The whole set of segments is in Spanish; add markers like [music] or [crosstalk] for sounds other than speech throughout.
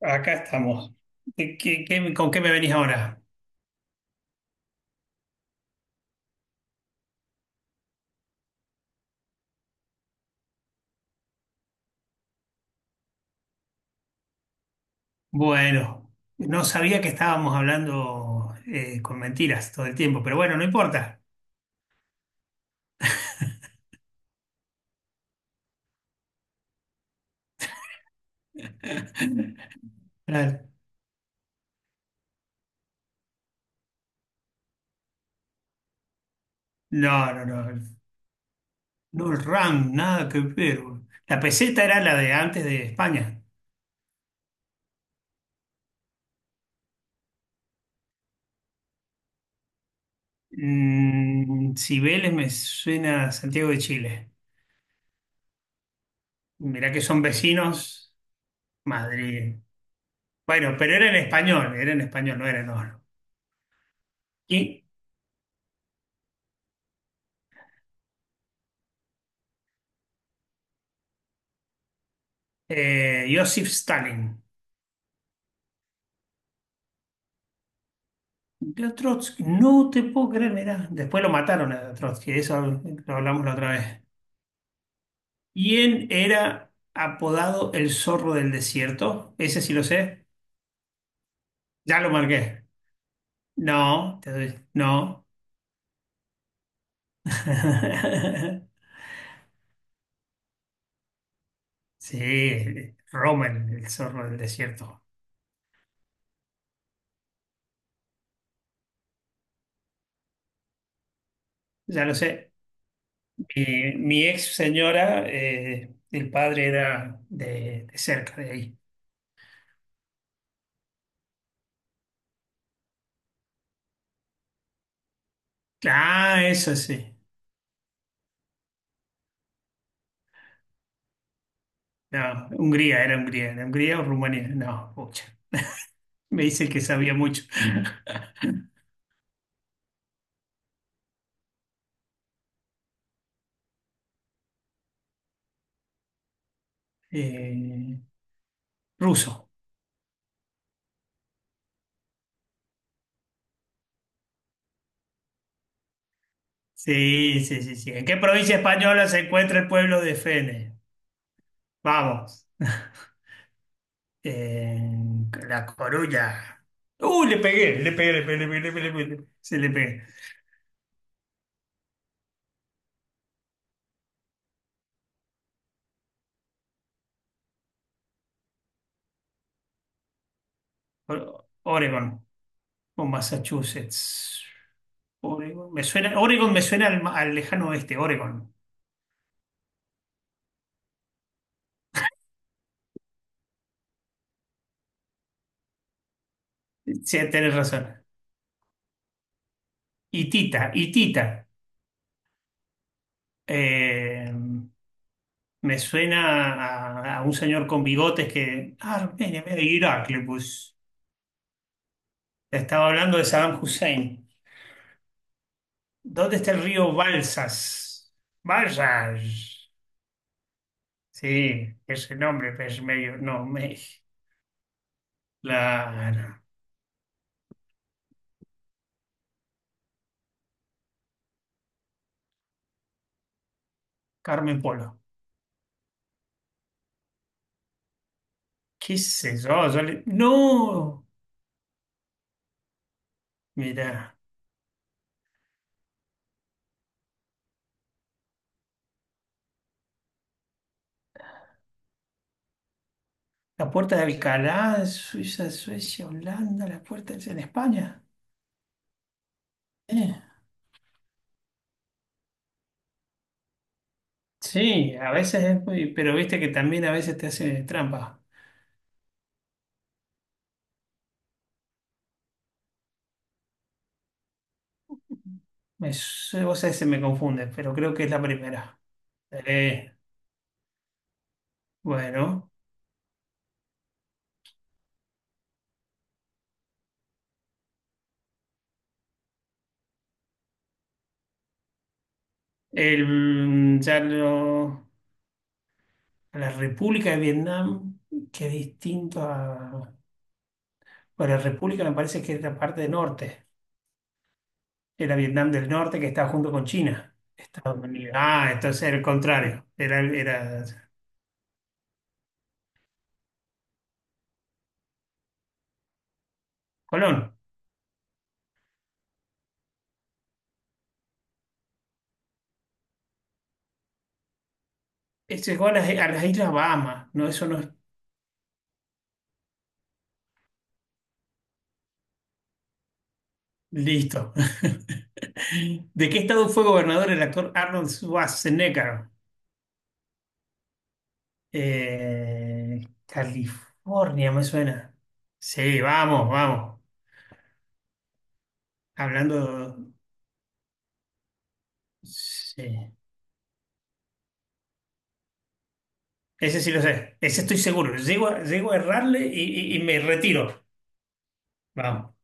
Acá estamos. ¿ Con qué me venís ahora? Bueno, no sabía que estábamos hablando con mentiras todo el tiempo, pero bueno, no importa. [laughs] Claro. No, no, no. No el RAM, nada que ver. La peseta era la de antes de España. Mm, Cibeles me suena a Santiago de Chile. Mirá que son vecinos, Madrid. Bueno, pero era en español, no era en oro. Y Joseph Stalin. Yo a Trotsky, no te puedo creer, mirá. Después lo mataron a Trotsky, eso lo hablamos la otra vez. Y él era apodado el zorro del desierto, ese sí lo sé, ya lo marqué. No, no. [laughs] Sí, Roma, el zorro del desierto, ya lo sé. Mi ex señora, el padre era de cerca de ahí. Ah, eso sí. No, Hungría, era Hungría, era Hungría o Rumanía, no, pucha. Me dice que sabía mucho. [laughs] Eh, Ruso. Sí, sí, sí, sí. ¿En qué provincia española se encuentra el pueblo de Fene? Vamos. En La Coruña. Le pegué, le pegué, le pegué, le pegué, le pegué, le pegué. Sí, le pegué. Oregon o Massachusetts. Oregon me suena al lejano oeste, Oregon. Sí, tenés razón. Itita, Itita. Eh, Me suena a un señor con bigotes que. Ah, mire, mire, Irak, le pus. Estaba hablando de Saddam Hussein. ¿Dónde está el río Balsas? Balsas. Sí, ese nombre, pues medio. No, me. La. Carmen Polo. ¿Qué sé yo? No. Mira. La puerta de Alcalá, Suiza, Suecia, Holanda, la puerta es en España. Eh, Sí, a veces es muy. Pero viste que también a veces te hace trampa. Vos sabés, se me confunde, pero creo que es la primera. Eh, bueno, el, mm, ya lo- la República de Vietnam, que es distinto a... Bueno, la República me parece que es la parte del norte, era Vietnam del norte que está junto con China, Estados Unidos. Ah, entonces era el contrario, era Colón. Este llegó a las Islas Bahamas, no, eso no es listo. [laughs] ¿De qué estado fue gobernador el actor Arnold Schwarzenegger? Eh, California me suena. Sí, vamos, vamos. Hablando. Sí. Ese sí lo sé. Ese estoy seguro. Llego a errarle y me retiro. Vamos.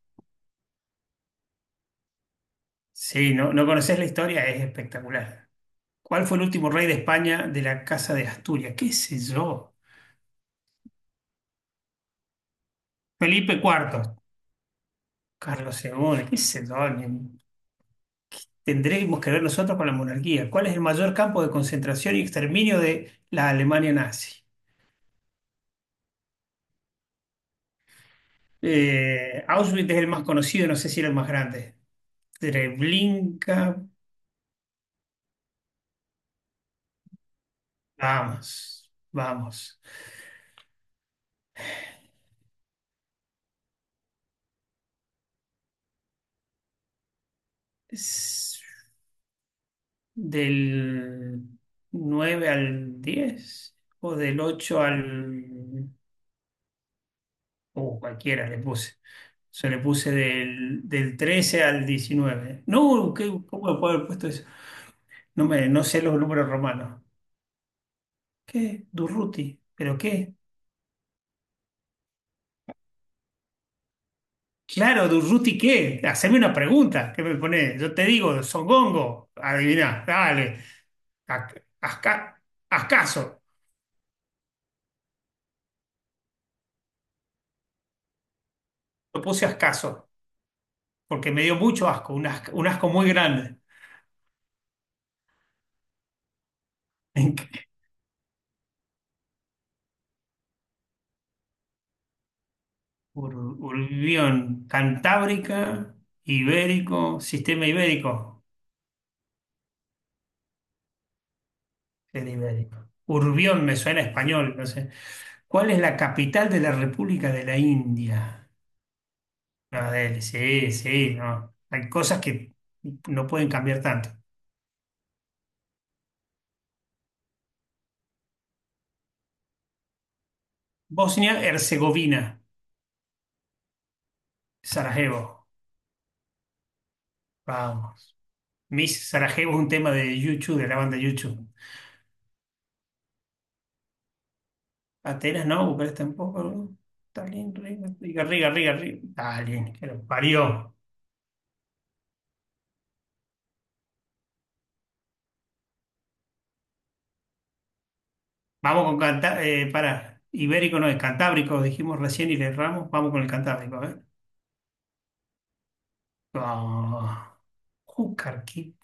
Sí, no, no conoces la historia, es espectacular. ¿Cuál fue el último rey de España de la Casa de Asturias? ¿Qué sé yo? Felipe IV, Carlos II, qué sé yo. Tendremos que ver nosotros con la monarquía. ¿Cuál es el mayor campo de concentración y exterminio de la Alemania nazi? Auschwitz es el más conocido, no sé si era el más grande. Treblinka, vamos, vamos. Es del 9 al 10 o del 8 al... O cualquiera le puse. Se le puse del 13 al 19. No, ¿qué- ¿cómo le puedo haber puesto eso? No, me, no sé los números romanos. ¿Qué? Durruti. ¿Pero qué? Claro, Durruti, ¿qué? Haceme una pregunta. ¿Qué me pone? Yo te digo, Songongo. Adiviná, dale. Ac- asca- Ascaso. Lo puse ascaso, porque me dio mucho asco, un asco, un asco muy grande. [laughs] Ur- Urbión, Cantábrica, Ibérico, sistema ibérico. ¿Qué es ibérico? Urbión me suena a español, no sé. ¿Cuál es la capital de la República de la India? A ver, sí, sí, no. Hay cosas que no pueden cambiar tanto. Bosnia-Herzegovina, Sarajevo. Vamos. Miss Sarajevo es un tema de YouTube, de la banda YouTube. Atenas no, Bucarest tampoco. ¿No? Tallinn, Riga, Riga, Riga, Riga. Riga. Tallinn, que lo parió. Vamos con Canta, para. Ibérico no es Cantábrico, dijimos recién y le erramos. Vamos con el Cantábrico, a ver. Ah, Júcar, qué,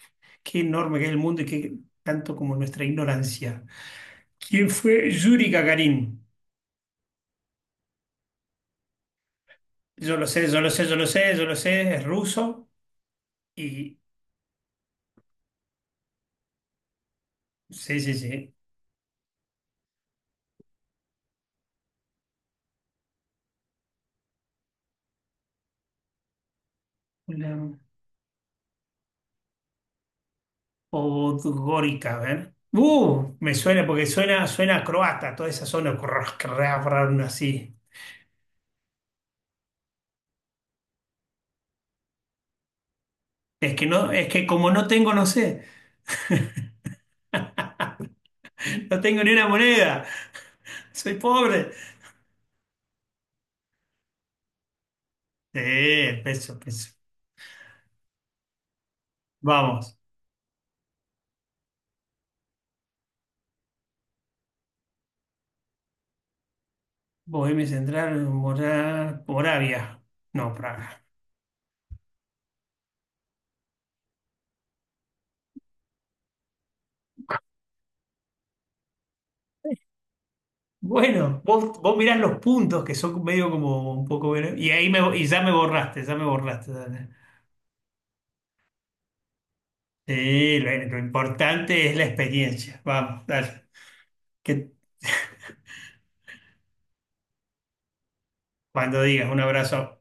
qué enorme que es el mundo y qué tanto como nuestra ignorancia. ¿Quién fue Yuri Gagarin? Yo lo sé, yo lo sé, yo lo sé, yo lo sé, es ruso y sí, sí, sí. Una podgórica, a ver. Me suena porque suena a croata, toda esa zona, [laughs] crrr, crrr, crrr, así. Es que no, es que como no tengo, no sé. [laughs] No tengo ni una moneda. Soy pobre. Sí, peso, peso. Vamos. Bohemia Central, Moravia. No, Praga. Bueno, vos mirás los puntos que son medio como un poco. Y ya me borraste, ya me borraste. Sí, lo importante es la experiencia. Vamos, dale. Que cuando digas, un abrazo.